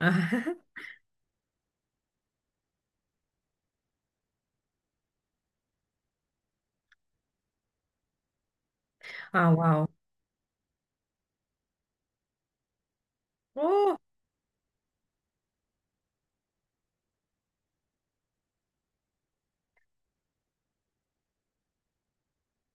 Ah, wow. Oh.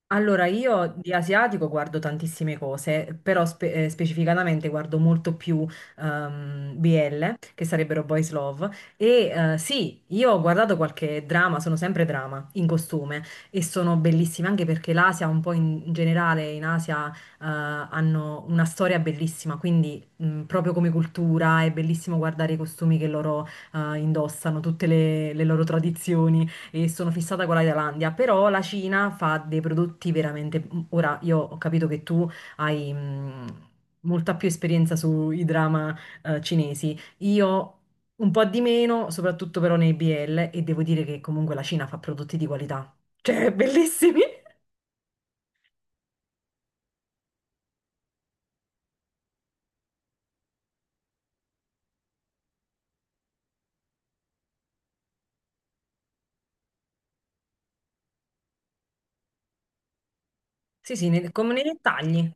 Allora, io di asiatico guardo tantissime cose, però specificatamente guardo molto più BL, che sarebbero Boys Love. E sì, io ho guardato qualche drama, sono sempre drama, in costume, e sono bellissime anche perché l'Asia, un po' in generale, in Asia hanno una storia bellissima, quindi proprio come cultura è bellissimo guardare i costumi che loro indossano, tutte le loro tradizioni. E sono fissata con la Thailandia, però la Cina fa dei prodotti veramente... Ora, io ho capito che tu hai molta più esperienza sui drama cinesi, io un po' di meno, soprattutto però nei BL, e devo dire che comunque la Cina fa prodotti di qualità, cioè bellissimi. Sì, sì, come nei dettagli.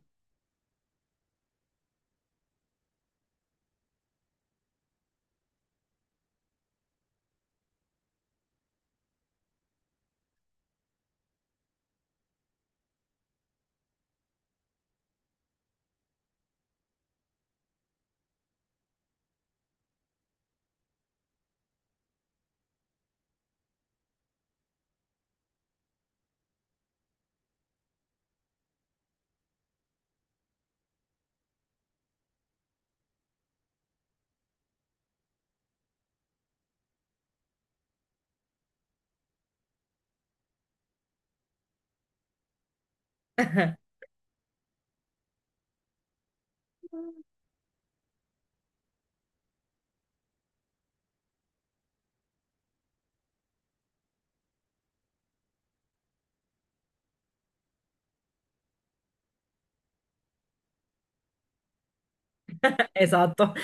Esatto.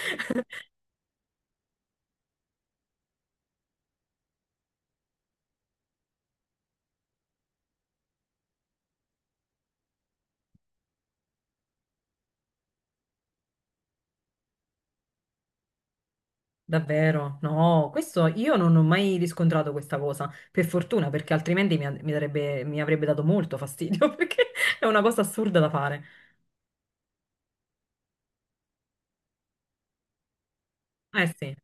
Davvero? No, questo io non ho mai riscontrato questa cosa, per fortuna, perché altrimenti mi avrebbe dato molto fastidio, perché è una cosa assurda da fare. Eh sì,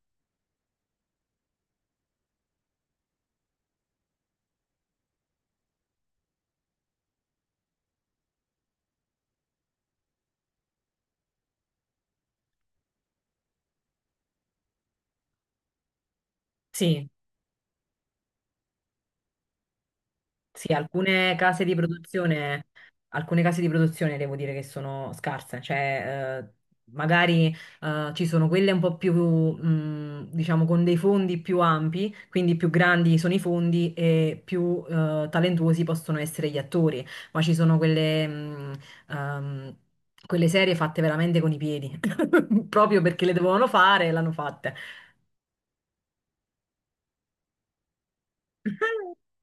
sì. Sì, alcune case di produzione, alcune case di produzione devo dire che sono scarse, cioè magari ci sono quelle un po' più, diciamo, con dei fondi più ampi, quindi più grandi sono i fondi e più talentuosi possono essere gli attori, ma ci sono quelle, ehm, quelle serie fatte veramente con i piedi, proprio perché le dovevano fare e l'hanno fatte.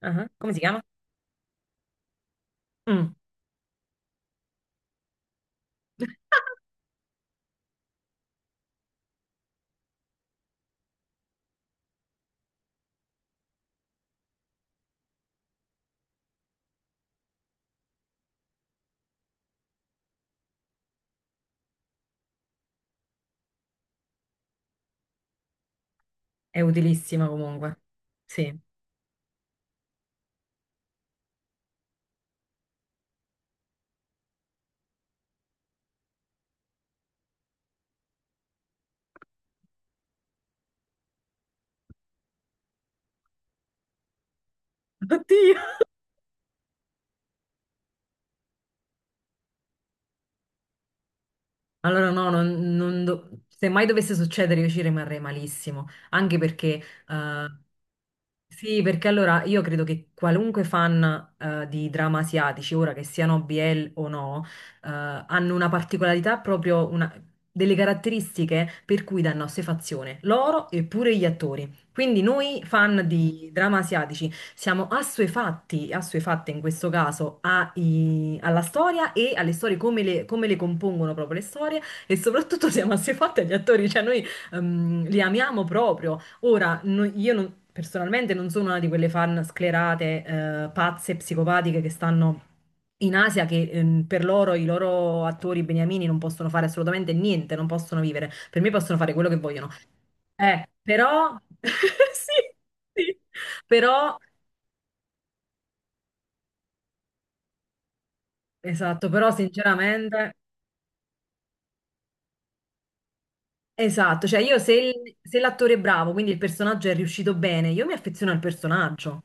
Ah, come si chiama? Mm. È utilissima comunque. Sì. Oddio. Allora no, non, non do- se mai dovesse succedere io ci rimarrei malissimo, anche perché eh, sì, perché allora io credo che qualunque fan di drama asiatici, ora che siano BL o no, hanno una particolarità proprio, delle caratteristiche per cui danno assuefazione loro e pure gli attori. Quindi noi fan di drama asiatici siamo assuefatti, assuefatte in questo caso alla storia e alle storie, come le compongono proprio le storie, e soprattutto siamo assuefatti agli attori, cioè noi li amiamo proprio. Ora, no- io non- personalmente non sono una di quelle fan sclerate, pazze, psicopatiche che stanno... in Asia che per loro i loro attori beniamini non possono fare assolutamente niente, non possono vivere. Per me possono fare quello che vogliono. Però, sì, sì. Però esatto, però sinceramente, esatto, cioè io se, se l'attore è bravo, quindi il personaggio è riuscito bene, io mi affeziono al personaggio.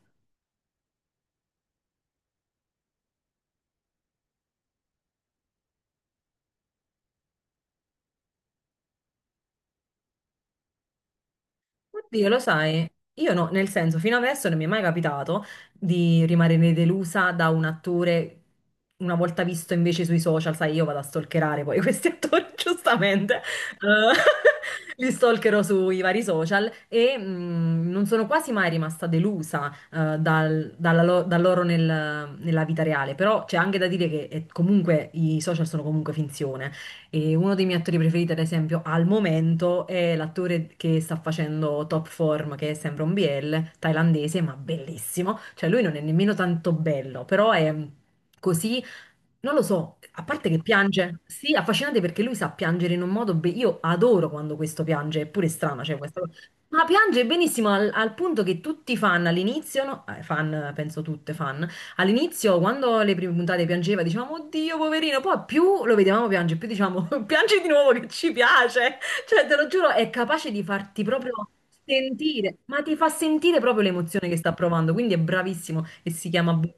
Oddio, lo sai, io no, nel senso, fino adesso non mi è mai capitato di rimanere delusa da un attore una volta visto invece sui social, sai, io vado a stalkerare poi questi attori, giustamente, li stalkerò sui vari social e non sono quasi mai rimasta delusa da loro nella vita reale, però c'è anche da dire che comunque i social sono comunque finzione. E uno dei miei attori preferiti, ad esempio, al momento è l'attore che sta facendo Top Form, che è sempre un BL thailandese, ma bellissimo. Cioè, lui non è nemmeno tanto bello, però è così, non lo so, a parte che piange, sì, affascinante perché lui sa piangere in un modo. Io adoro quando questo piange, è pure strano, cioè questa cosa. Ma piange benissimo al, al punto che tutti i fan all'inizio, no? Fan, penso tutte fan, all'inizio, quando le prime puntate piangeva, dicevamo, oddio, poverino, poi più lo vedevamo piangere, più diciamo, piangi di nuovo che ci piace. Cioè, te lo giuro, è capace di farti proprio sentire, ma ti fa sentire proprio l'emozione che sta provando, quindi è bravissimo e si chiama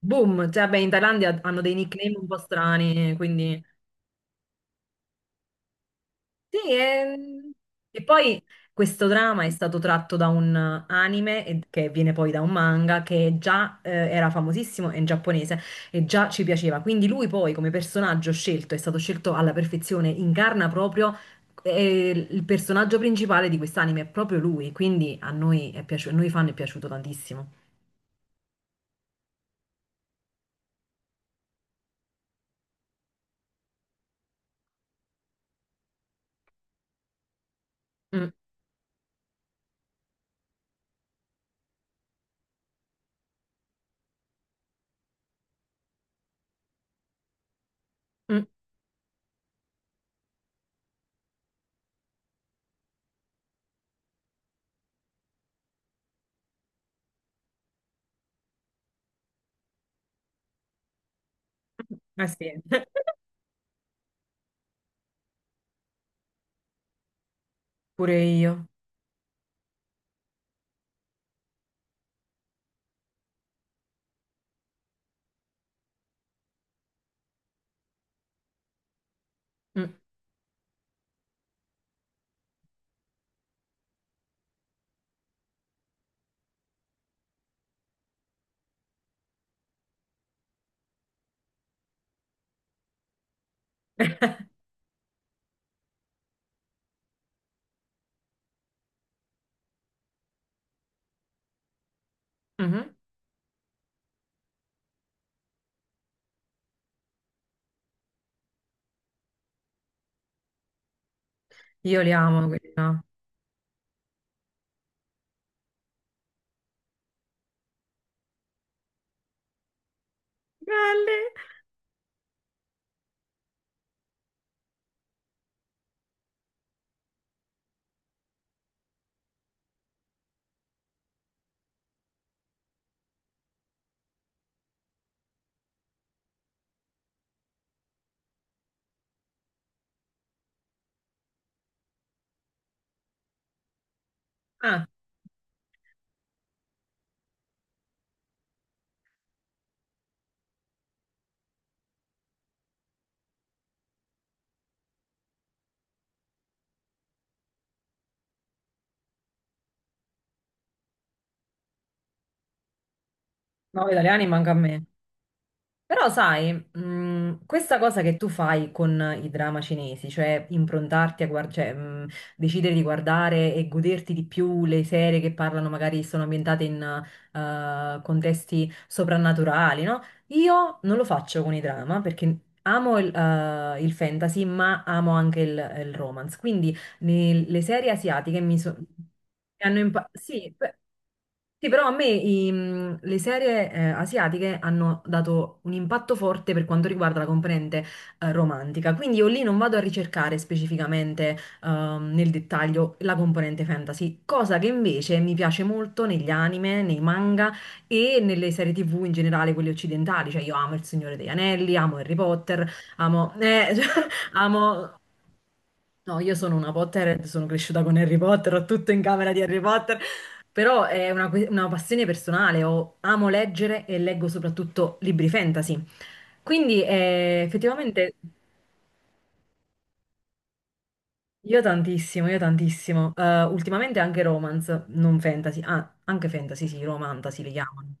Boom. Cioè, beh, in Thailandia hanno dei nickname un po' strani, quindi... Sì, e poi questo drama è stato tratto da un anime che viene poi da un manga che già era famosissimo è in giapponese e già ci piaceva. Quindi lui poi come personaggio scelto è stato scelto alla perfezione, incarna proprio il personaggio principale di quest'anime, è proprio lui, quindi a noi, è piaciuto, a noi fan è piaciuto tantissimo. Mm, mm, mm. Eh sì. Pure io. Mm, mhm. Io li amo quelli là. Belli. Ah, no, italiani manca a me. Però sai, questa cosa che tu fai con i drama cinesi, cioè improntarti a guardare, cioè, decidere di guardare e goderti di più le serie che parlano, magari sono ambientate in contesti soprannaturali, no? Io non lo faccio con i drama perché amo il fantasy, ma amo anche il romance. Quindi le serie asiatiche mi so- mi hanno impa- sì, pe- sì, però a me le serie asiatiche hanno dato un impatto forte per quanto riguarda la componente romantica, quindi io lì non vado a ricercare specificamente nel dettaglio la componente fantasy, cosa che invece mi piace molto negli anime, nei manga e nelle serie TV in generale, quelle occidentali, cioè io amo Il Signore degli Anelli, amo Harry Potter, amo... cioè, amo, no, io sono una Potterhead, sono cresciuta con Harry Potter, ho tutto in camera di Harry Potter, però è una passione personale, amo leggere e leggo soprattutto libri fantasy. Quindi effettivamente io tantissimo, io tantissimo. Ultimamente anche romance, non fantasy, ah, anche fantasy, sì, romantasy li chiamano.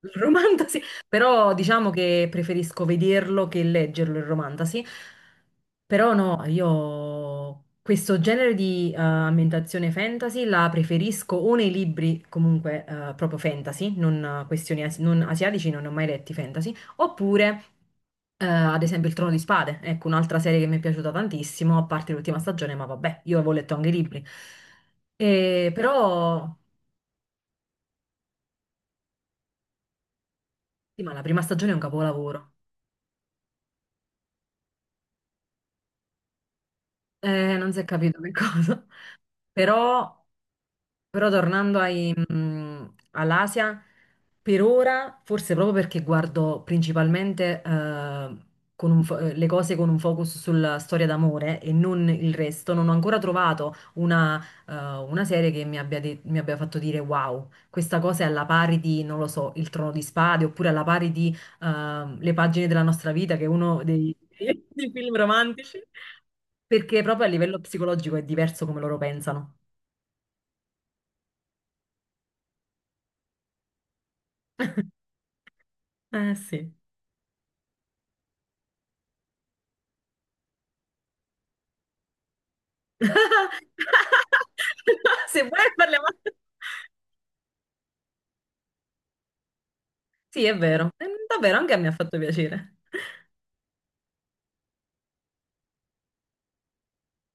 Il romantasy, però diciamo che preferisco vederlo che leggerlo il romantasy. Però no, io questo genere di ambientazione fantasy la preferisco o nei libri comunque proprio fantasy, non questioni non asiatici, non ne ho mai letti fantasy, oppure ad esempio Il Trono di Spade, ecco un'altra serie che mi è piaciuta tantissimo, a parte l'ultima stagione, ma vabbè, io avevo letto anche i libri. E però sì, ma la prima stagione è un capolavoro. Non si è capito che cosa, però però tornando all'Asia, per ora, forse proprio perché guardo principalmente con un le cose con un focus sulla storia d'amore e non il resto, non ho ancora trovato una serie che mi abbia fatto dire wow, questa cosa è alla pari di, non lo so, Il Trono di Spade oppure alla pari di Le pagine della nostra vita, che è uno dei dei film romantici, perché proprio a livello psicologico è diverso come loro pensano. Eh sì. Se vuoi parliamo... Sì, è vero. Davvero, anche a me ha fatto piacere.